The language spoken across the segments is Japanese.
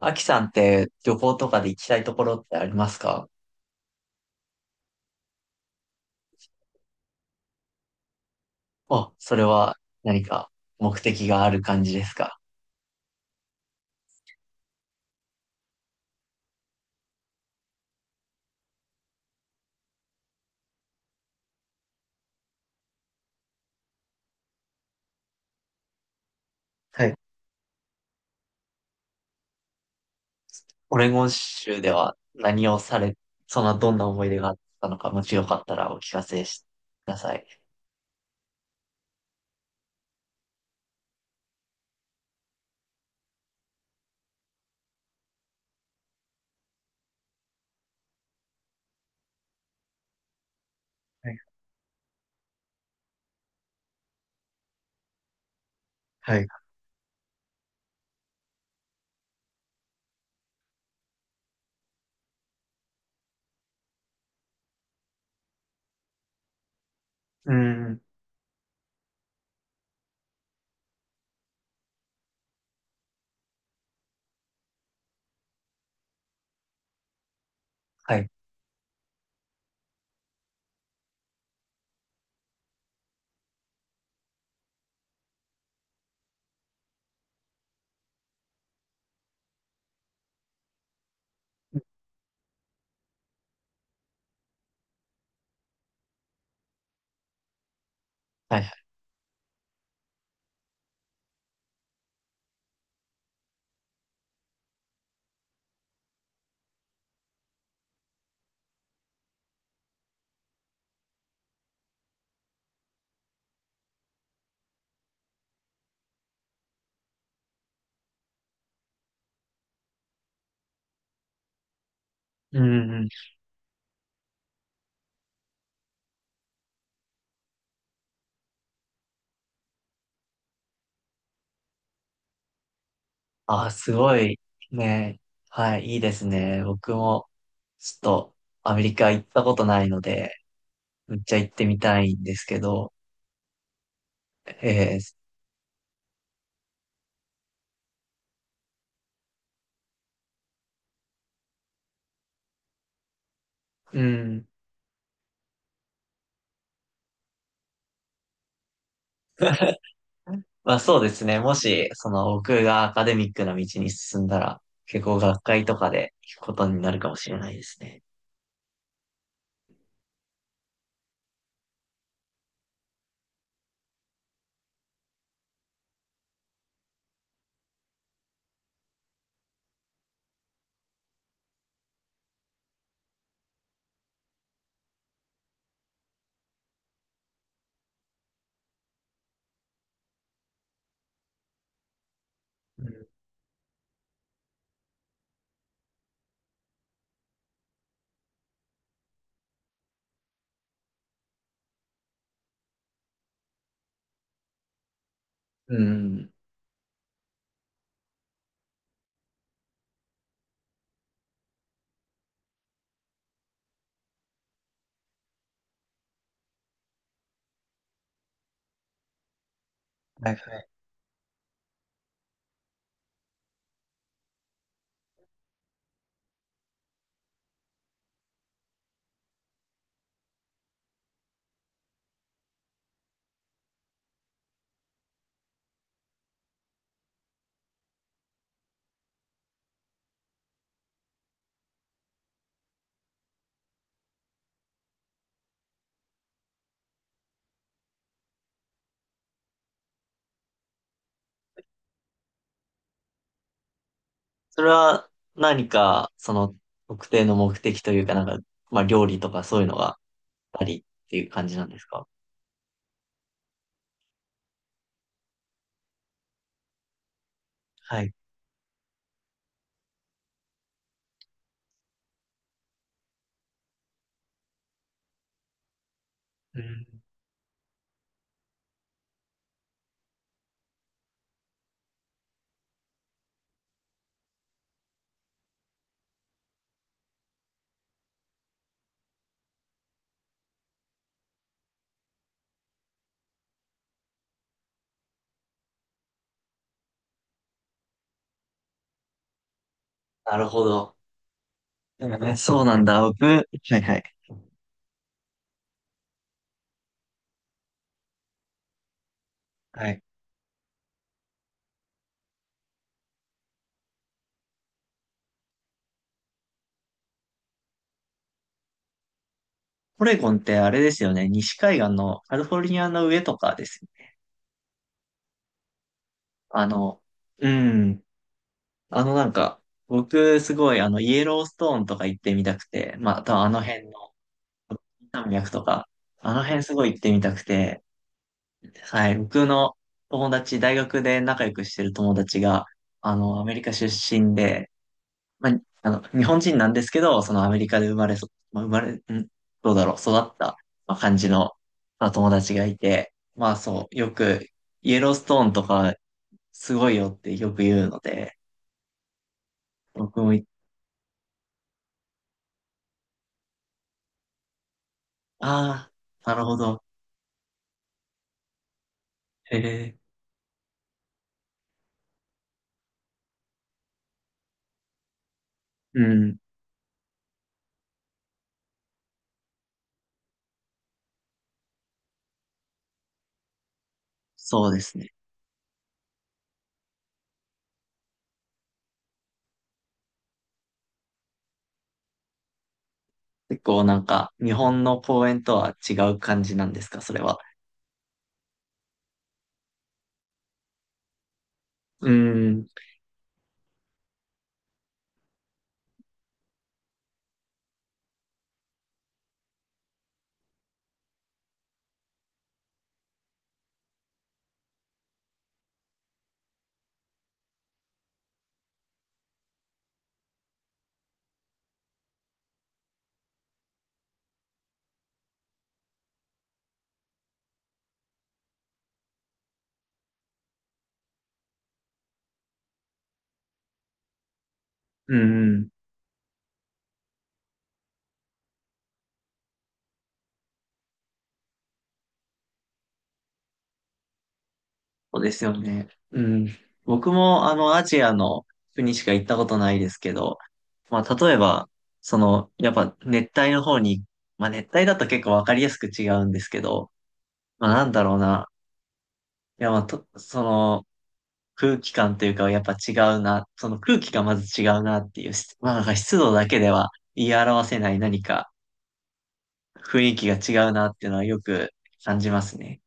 アキさんって旅行とかで行きたいところってありますか？あ、それは何か目的がある感じですか？はい。オレゴン州では何をされ、そんなどんな思い出があったのか、もしよかったらお聞かせしください。はい。はい。うん。はい。はい。うん。うん。あ、すごい。ね。はい。いいですね。僕もちょっとアメリカ行ったことないので、めっちゃ行ってみたいんですけど、えー、うん。まあそうですね。もし、その僕がアカデミックな道に進んだら、結構学会とかで聞くことになるかもしれないですね。うん。うん。はいはい。それは何か、その特定の目的というか、なんか、まあ料理とかそういうのがあったりっていう感じなんですか？はい。うん。なるほど。うん、そうなんだ。僕、はいはい。はい。オレゴンってあれですよね。西海岸のカリフォルニアの上とかですよね。あの、うん。あのなんか、僕すごいイエローストーンとか行ってみたくて、まあ多分あの辺の山脈とか、あの辺すごい行ってみたくて、はい、僕の友達、大学で仲良くしてる友達が、アメリカ出身で、まあ、日本人なんですけど、そのアメリカで生まれそ、まあ、生まれ、ん、どうだろう、育った、まあ、感じの、まあ、友達がいて、まあそう、よくイエローストーンとかすごいよってよく言うので、僕もい、ああなるほど。ええ、うん、そうですね。結構なんか、日本の公園とは違う感じなんですか、それは。うん、うん、そうですよね。うん。僕もアジアの国しか行ったことないですけど、まあ、例えば、その、やっぱ熱帯の方に、まあ、熱帯だと結構わかりやすく違うんですけど、まあ、なんだろうな。いや、まあ、と、その、空気感というか、やっぱ違うな。その空気がまず違うなっていう、まあ、なんか湿度だけでは言い表せない何か、雰囲気が違うなっていうのはよく感じますね。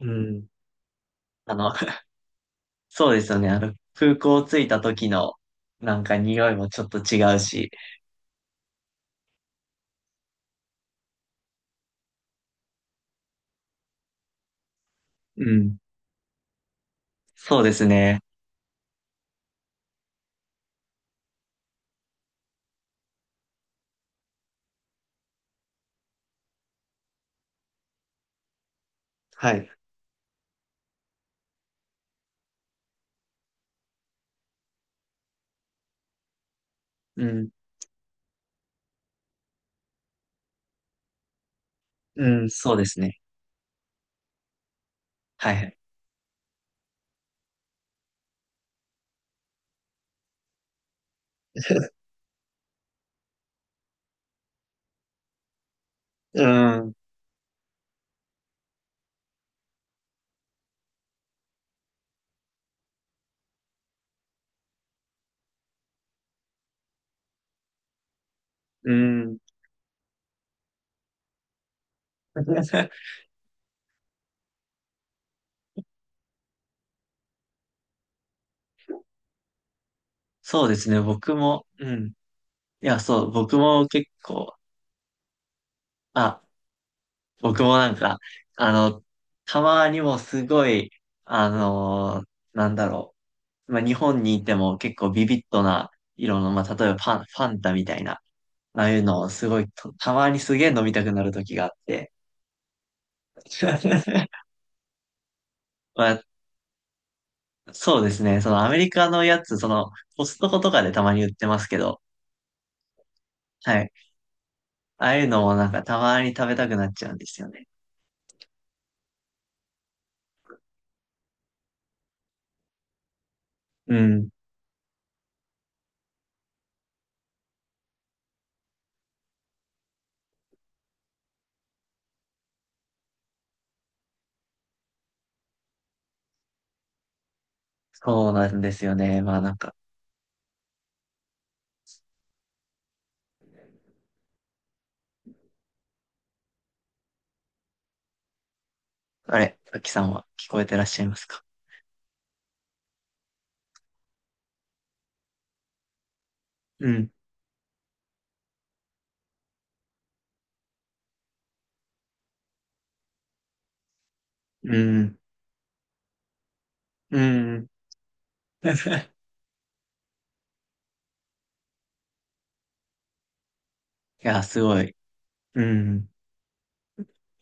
うん。あの、そうですよね。空港着いた時のなんか匂いもちょっと違うし。うん。そうですね。はい。うん。うん。そうですね。はいはい。うん。うん。そうですね。僕も、うん。いや、そう、僕も結構、あ、僕もなんか、あの、たまにもすごい、あのーなんだろう。まあ、日本にいても結構ビビッドな色の、まあ、例えばパン、ファンタみたいな、ああいうのをすごいと、たまにすげえ飲みたくなる時があって。まあ、そうですね。そのアメリカのやつ、その、コストコとかでたまに売ってますけど、はい。ああいうのもなんかたまに食べたくなっちゃうんですよね。うん。そうなんですよね。まあなんか、あれ、さきさんは聞こえてらっしゃいますか？うん。うん。うん。いや、すごい。うん。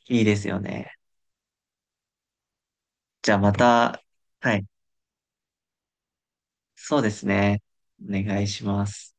いいですよね。じゃあまた、はい。そうですね。お願いします。